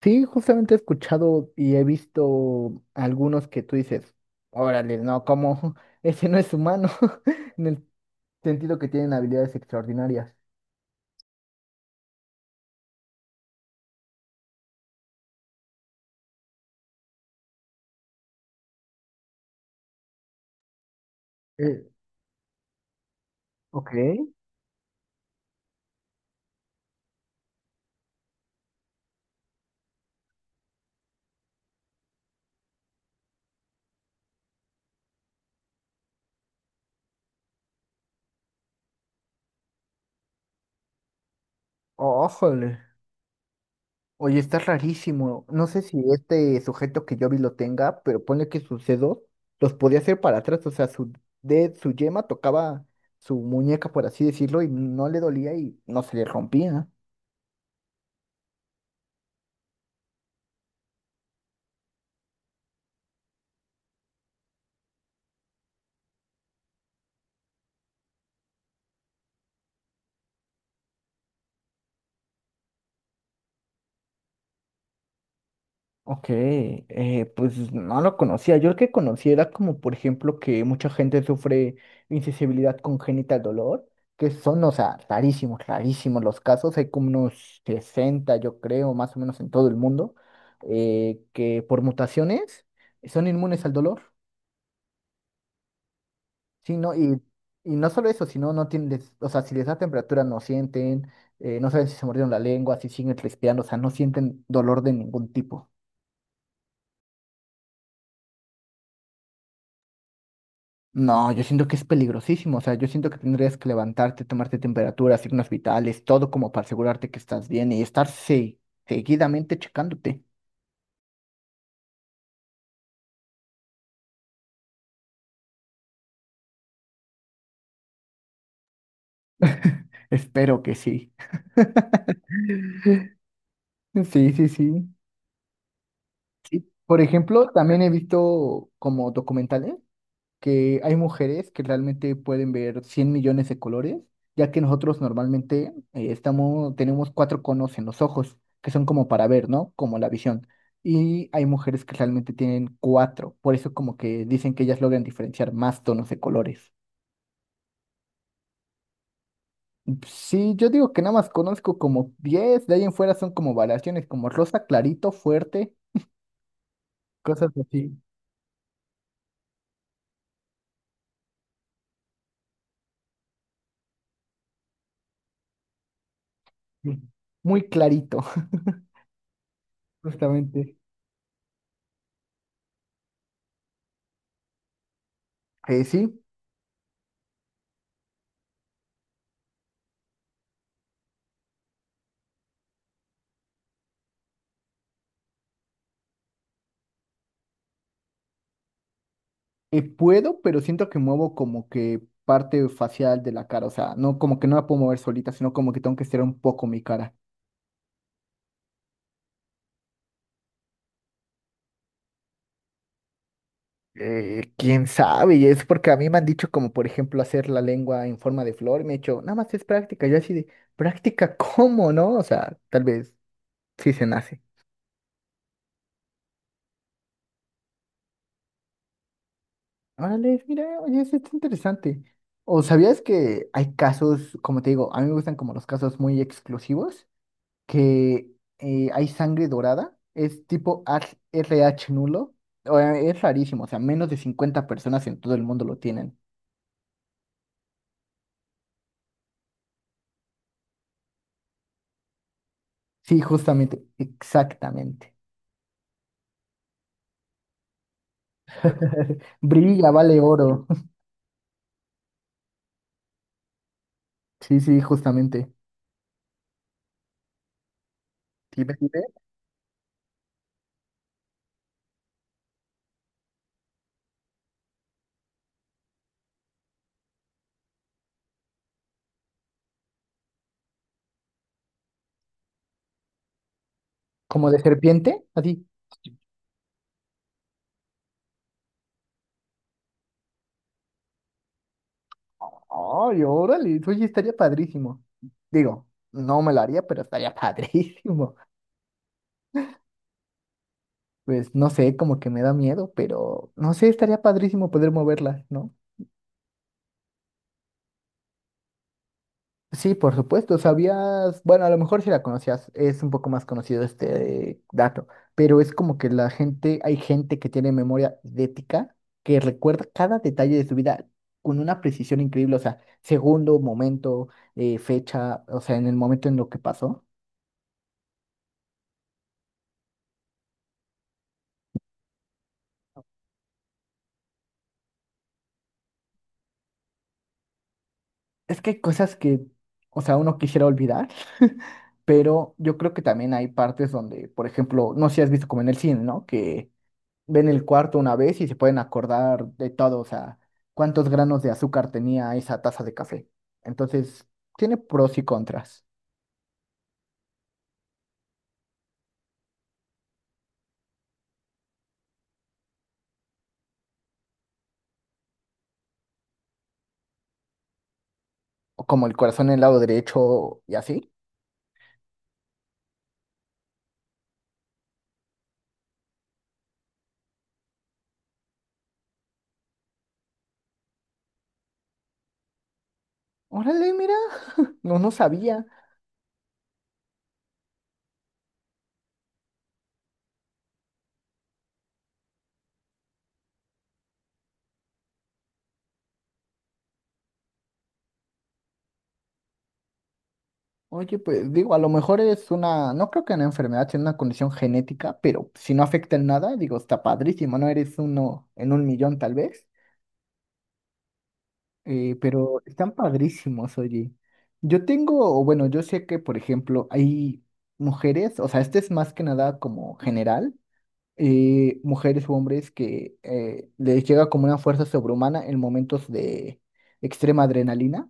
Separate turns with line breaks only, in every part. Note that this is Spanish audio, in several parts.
Sí, justamente he escuchado y he visto algunos que tú dices, órale, no, como ese no es humano, en el sentido que tienen habilidades extraordinarias. Eh, ok. Ójole. Oye, está rarísimo. No sé si este sujeto que yo vi lo tenga, pero ponle que sus dedos los podía hacer para atrás, o sea, su de su yema tocaba su muñeca, por así decirlo, y no le dolía y no se le rompía. Ok, pues no lo conocía. Yo el que conocía era como, por ejemplo, que mucha gente sufre insensibilidad congénita al dolor, que son, o sea, rarísimos, rarísimos los casos. Hay como unos 60, yo creo, más o menos en todo el mundo, que por mutaciones son inmunes al dolor. Sí, ¿no? Y no solo eso, sino no tienen, o sea, si les da temperatura no sienten, no saben si se mordieron la lengua, si siguen respirando, o sea, no sienten dolor de ningún tipo. No, yo siento que es peligrosísimo, o sea, yo siento que tendrías que levantarte, tomarte temperatura, signos vitales, todo como para asegurarte que estás bien y estar seguidamente checándote. Espero que sí. Sí, sí, sí. Sí. Por ejemplo, también he visto como documentales, que hay mujeres que realmente pueden ver 100 millones de colores, ya que nosotros normalmente estamos, tenemos cuatro conos en los ojos, que son como para ver, ¿no? Como la visión. Y hay mujeres que realmente tienen cuatro, por eso como que dicen que ellas logran diferenciar más tonos de colores. Sí, yo digo que nada más conozco como diez, de ahí en fuera son como variaciones, como rosa, clarito, fuerte, cosas así. Sí. Muy clarito, justamente. Sí. Puedo, pero siento que muevo como que parte facial de la cara, o sea, no como que no la puedo mover solita, sino como que tengo que estirar un poco mi cara. Quién sabe, y es porque a mí me han dicho como por ejemplo hacer la lengua en forma de flor y me he dicho, nada más es práctica, yo así de, práctica, ¿cómo no? O sea, tal vez sí se nace. Órale, mira, oye, eso está interesante. ¿O sabías que hay casos, como te digo, a mí me gustan como los casos muy exclusivos? Que hay sangre dorada, es tipo RH nulo, o, es rarísimo, o sea, menos de 50 personas en todo el mundo lo tienen. Sí, justamente, exactamente. Brilla, vale oro. Sí, sí, justamente. Sí, ve, sí, ve. Como de serpiente, así. Ay, órale, oye, estaría padrísimo. Digo, no me lo haría, pero estaría padrísimo. Pues no sé, como que me da miedo, pero no sé, estaría padrísimo poder moverla, ¿no? Sí, por supuesto, sabías, bueno, a lo mejor si la conocías, es un poco más conocido este dato, pero es como que la gente, hay gente que tiene memoria idética, que recuerda cada detalle de su vida con una precisión increíble, o sea, segundo, momento, fecha, o sea, en el momento en lo que pasó. Es que hay cosas que, o sea, uno quisiera olvidar, pero yo creo que también hay partes donde, por ejemplo, no sé si has visto como en el cine, ¿no? Que ven el cuarto una vez y se pueden acordar de todo, o sea, cuántos granos de azúcar tenía esa taza de café. Entonces, tiene pros y contras, o como el corazón en el lado derecho y así. Órale, mira, no, no sabía. Oye, pues digo, a lo mejor es una, no creo que una enfermedad, sino una condición genética, pero si no afecta en nada, digo, está padrísimo, ¿no? Eres uno en 1 millón tal vez. Pero están padrísimos, oye. Yo tengo, o bueno, yo sé que, por ejemplo, hay mujeres, o sea, este es más que nada como general, mujeres u hombres que les llega como una fuerza sobrehumana en momentos de extrema adrenalina.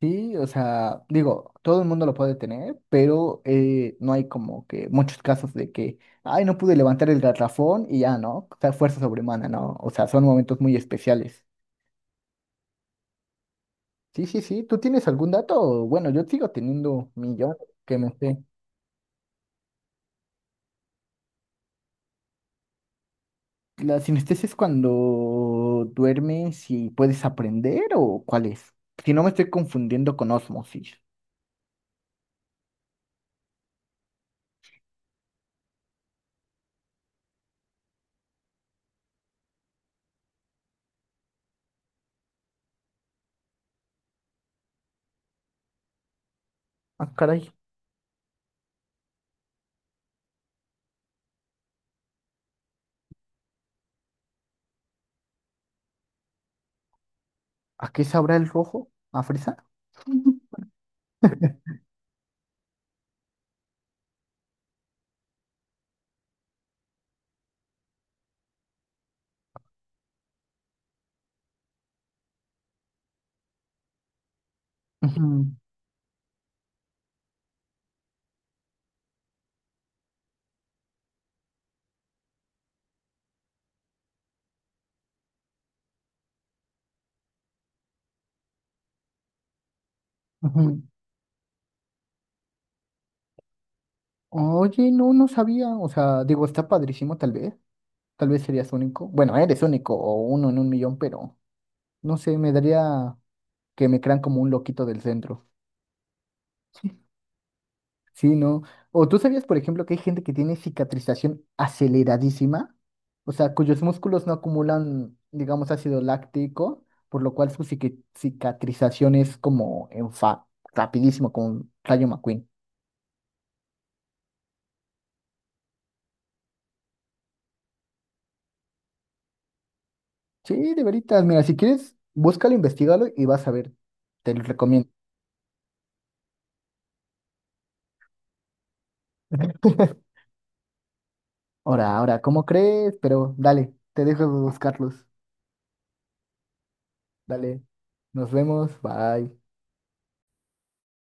Sí, o sea, digo, todo el mundo lo puede tener, pero no hay como que muchos casos de que, ay, no pude levantar el garrafón y ya, ¿no? O sea, fuerza sobrehumana, ¿no? O sea, son momentos muy especiales. Sí, sí, sí. ¿Tú tienes algún dato? Bueno, yo sigo teniendo millones que me sé. ¿La sinestesia es cuando duermes y puedes aprender o cuál es? Si no me estoy confundiendo con osmosis. Ah, caray. ¿A qué sabrá el rojo? ¿A fresa? Ujú, ujú, ujú. Oye, no, no sabía. O sea, digo, está padrísimo tal vez. Tal vez serías único. Bueno, eres único o uno en 1 millón, pero no sé, me daría que me crean como un loquito del centro. Sí, ¿no? O tú sabías, por ejemplo, que hay gente que tiene cicatrización aceleradísima, o sea, cuyos músculos no acumulan, digamos, ácido láctico, por lo cual su cicatrización es como en rapidísimo, como un Rayo McQueen. Sí, de veritas, mira, si quieres, búscalo, investigalo y vas a ver. Te lo recomiendo. Ahora, ahora, ¿cómo crees? Pero dale, te dejo buscarlos. Dale, nos vemos, bye.